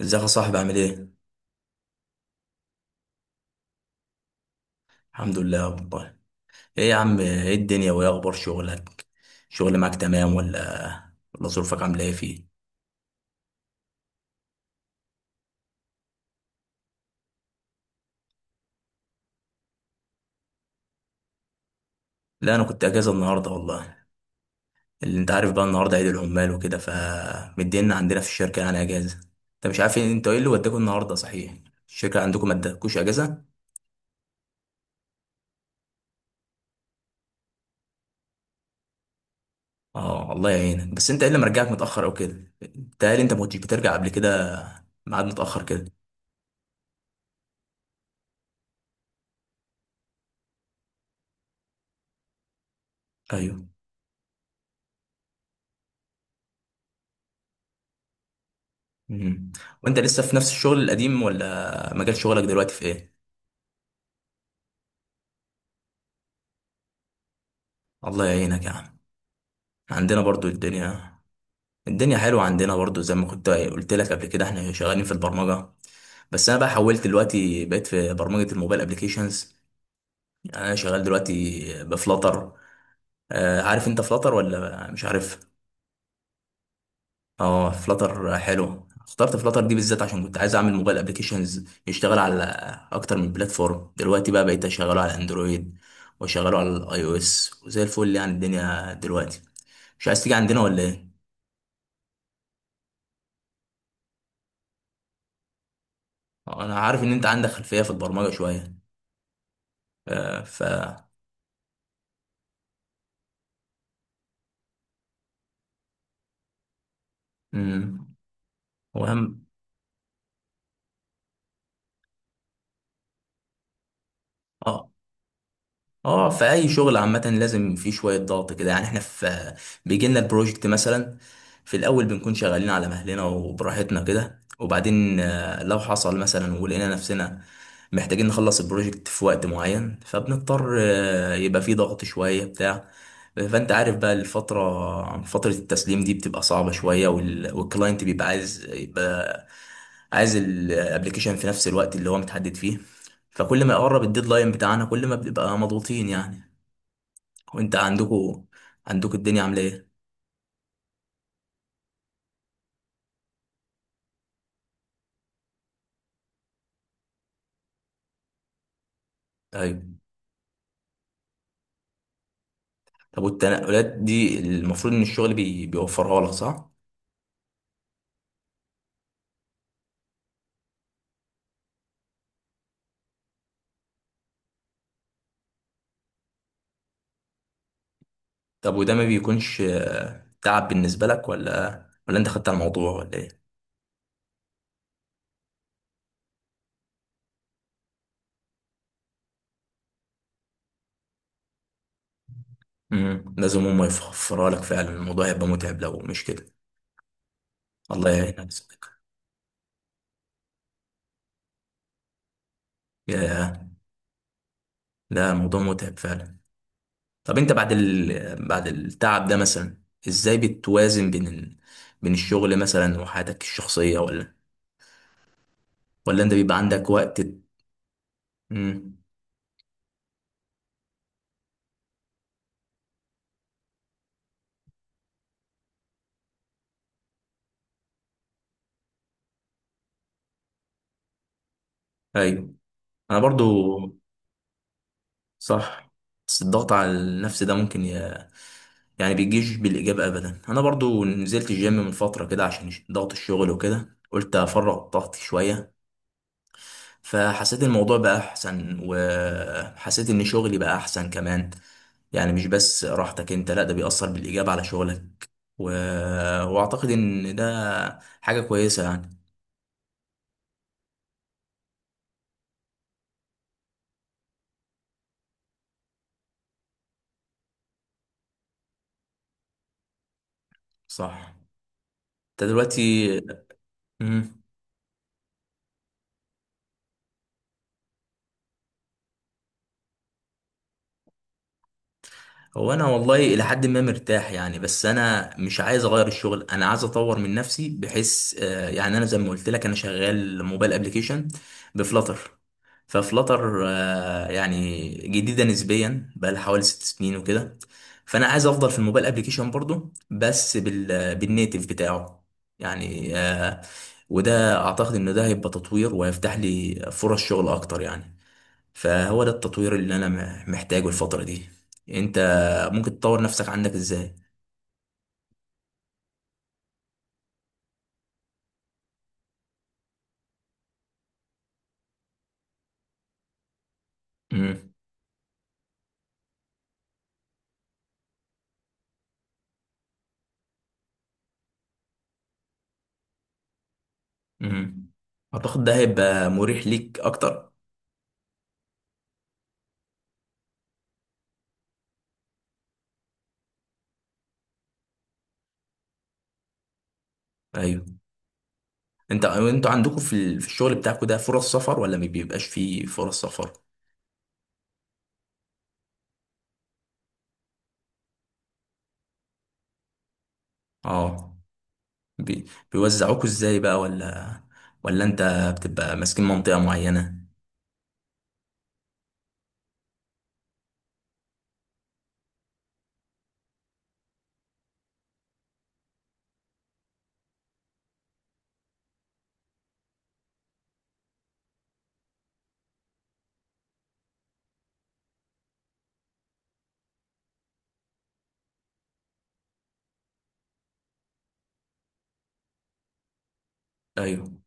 ازيك يا صاحبي عامل ايه؟ الحمد لله والله. ايه يا عم، ايه الدنيا وايه اخبار شغلك؟ شغل معاك تمام ولا ظروفك عامله ايه فيه؟ لا انا كنت اجازه النهارده والله. اللي انت عارف بقى النهارده عيد العمال وكده، فمدينا عندنا في الشركه يعني اجازه. انت مش عارف انت ايه اللي وداكوا النهارده صحيح؟ الشركه عندكم ما ادتكوش اجازه؟ اه، الله يعينك. بس انت ايه اللي مرجعك متاخر او كده؟ بتهيألي انت ما كنتش بترجع قبل كده، ميعاد متاخر كده. ايوه. مم. وانت لسه في نفس الشغل القديم ولا مجال شغلك دلوقتي في ايه؟ الله يعينك يا عم. عندنا برضو الدنيا. الدنيا حلوة عندنا برضو، زي ما كنت قلت لك قبل كده احنا شغالين في البرمجة. بس انا بقى حولت دلوقتي، بقيت في برمجة الموبايل ابليكيشنز، يعني انا شغال دلوقتي بفلاتر. آه، عارف انت فلاتر ولا مش عارف؟ اه، فلاتر حلو. اخترت فلاتر دي بالذات عشان كنت عايز اعمل موبايل ابليكيشنز يشتغل على اكتر من بلاتفورم. دلوقتي بقى بقيت اشغله على اندرويد واشغله على الاي او اس، وزي الفل يعني الدنيا دلوقتي. مش عايز تيجي عندنا ولا ايه؟ انا عارف ان انت عندك خلفية في البرمجة شوية. آه، ف امم وهم، اه، اه، في اي شغل عامه لازم في شويه ضغط كده، يعني احنا في، بيجي لنا البروجكت مثلا. في الاول بنكون شغالين على مهلنا وبراحتنا كده، وبعدين لو حصل مثلا ولقينا نفسنا محتاجين نخلص البروجكت في وقت معين، فبنضطر، يبقى في ضغط شويه بتاع. فانت عارف بقى فتره التسليم دي بتبقى صعبه شويه، والكلاينت بيبقى عايز، يبقى عايز الابلكيشن في نفس الوقت اللي هو متحدد فيه. فكل ما يقرب الديدلاين بتاعنا كل ما بنبقى مضغوطين يعني. وانت عندكوا الدنيا عامله ايه؟ طيب. طب والتنقلات دي المفروض ان الشغل بيوفرها لك صح؟ طب وده ما بيكونش تعب بالنسبه لك، ولا انت خدت على الموضوع ولا ايه؟ لازم هم يوفرها لك فعلا، الموضوع هيبقى متعب لو مش كده. الله يعينك يا صديقي. يا لا، الموضوع متعب فعلا. طب انت بعد التعب ده مثلا، ازاي بتوازن بين الشغل مثلا وحياتك الشخصيه، ولا انت بيبقى عندك وقت؟ امم. ايوه، انا برضو. صح. بس الضغط على النفس ده ممكن يعني بيجيش بالاجابه ابدا. انا برضو نزلت الجيم من فتره كده عشان ضغط الشغل وكده، قلت افرغ طاقتي شويه. فحسيت الموضوع بقى احسن، وحسيت ان شغلي بقى احسن كمان. يعني مش بس راحتك انت، لا ده بيأثر بالاجابه على شغلك. و... واعتقد ان ده حاجه كويسه يعني. صح. انت دلوقتي. مم. هو انا والله الى حد ما مرتاح يعني، بس انا مش عايز اغير الشغل. انا عايز اطور من نفسي، بحيث يعني انا زي ما قلت لك انا شغال موبايل ابلكيشن بفلاتر. ففلاتر يعني جديده نسبيا، بقى لها حوالي ست سنين وكده. فانا عايز افضل في الموبايل ابلكيشن برضو، بس بالنيتف بتاعه يعني، وده اعتقد ان ده هيبقى تطوير وهيفتح لي فرص شغل اكتر يعني. فهو ده التطوير اللي انا محتاجه الفترة دي. انت ممكن تطور نفسك عندك ازاي؟ امم، امم، اعتقد ده هيبقى مريح ليك اكتر. ايوه. انتوا عندكم في الشغل بتاعكم ده فرص سفر، ولا ما بيبقاش فيه فرص سفر؟ اه. بي- بيوزعوكوا ازاي بقى، ولا انت بتبقى ماسكين منطقة معينة؟ ايوه،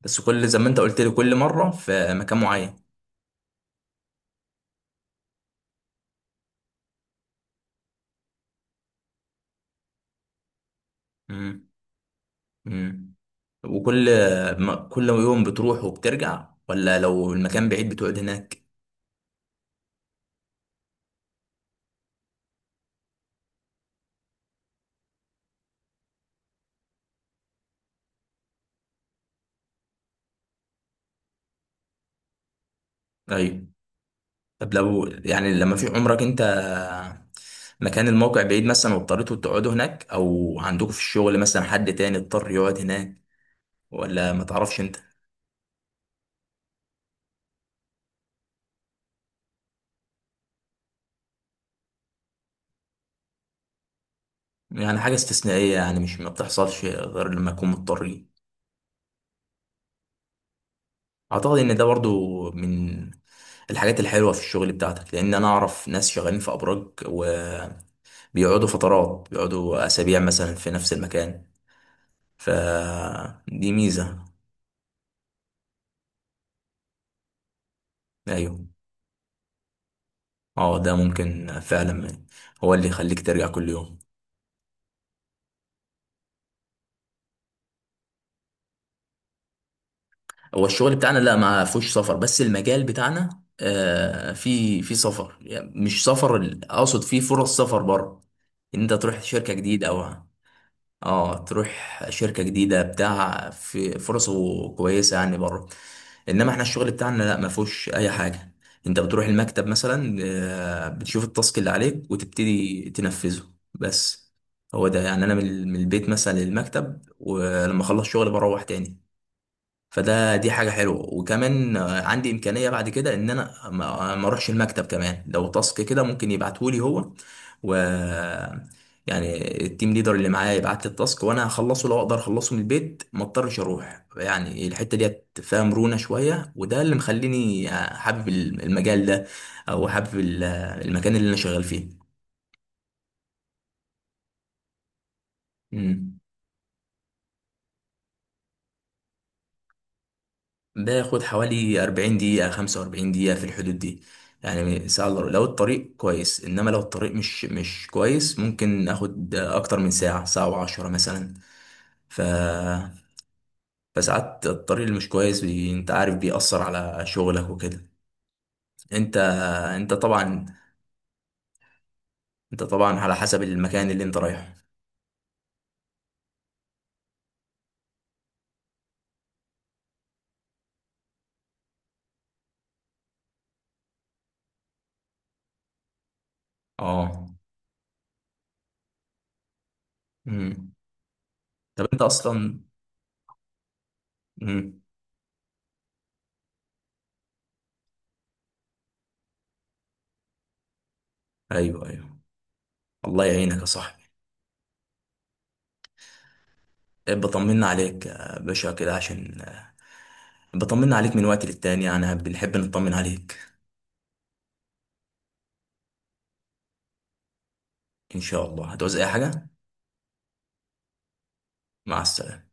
بس كل زي ما انت قلت لي كل مرة في مكان معين. امم. وكل ما كل يوم بتروح وبترجع، ولا لو المكان بعيد بتقعد هناك؟ ايوه. طب لو يعني، لما في عمرك انت مكان الموقع بعيد مثلا واضطريتوا تقعدوا هناك، او عندكم في الشغل مثلا حد تاني اضطر يقعد هناك، ولا ما تعرفش انت؟ يعني حاجة استثنائية يعني، مش ما بتحصلش غير لما يكون مضطرين. اعتقد ان ده برضو من الحاجات الحلوة في الشغل بتاعتك، لان انا اعرف ناس شغالين في ابراج وبيقعدوا فترات، بيقعدوا اسابيع مثلا في نفس المكان. فدي ميزة. ايوه. اه، ده ممكن فعلا هو اللي يخليك ترجع كل يوم. هو الشغل بتاعنا لا، ما فيهوش سفر، بس المجال بتاعنا في سفر. يعني مش سفر، اقصد فيه فرص سفر بره، ان انت تروح شركة جديدة، او اه تروح شركة جديدة. بتاع في فرصه كويسة يعني بره. انما احنا الشغل بتاعنا لا، ما فيهوش اي حاجة. انت بتروح المكتب مثلا، بتشوف التاسك اللي عليك وتبتدي تنفذه بس. هو ده يعني، انا من البيت مثلا للمكتب، ولما اخلص شغل بروح تاني. فده، دي حاجة حلوة. وكمان عندي إمكانية بعد كده إن أنا ما أروحش المكتب كمان، لو تاسك كده ممكن يبعتهولي هو. و يعني التيم ليدر اللي معايا يبعت لي التاسك، وأنا هخلصه. لو أقدر أخلصه من البيت ما أضطرش أروح يعني. الحتة ديت فيها مرونة شوية، وده اللي مخليني حابب المجال ده، أو حابب المكان اللي أنا شغال فيه. مم. باخد حوالي 40 دقيقة، 45 دقيقة في الحدود دي، يعني ساعة إلا ربع. لو الطريق كويس، انما لو الطريق مش كويس ممكن اخد اكتر من ساعة، ساعة وعشرة مثلا. ف فساعات الطريق اللي مش كويس انت عارف بيأثر على شغلك وكده. انت انت طبعا انت طبعا على حسب المكان اللي انت رايحه. اه. امم. طب انت اصلا امم. ايوه، ايوه، الله يعينك يا صاحبي. بطمنا عليك يا باشا كده، عشان بطمن عليك من وقت للتاني يعني، بنحب نطمن عليك. ان شاء الله هتعوز اي حاجة. مع السلامة.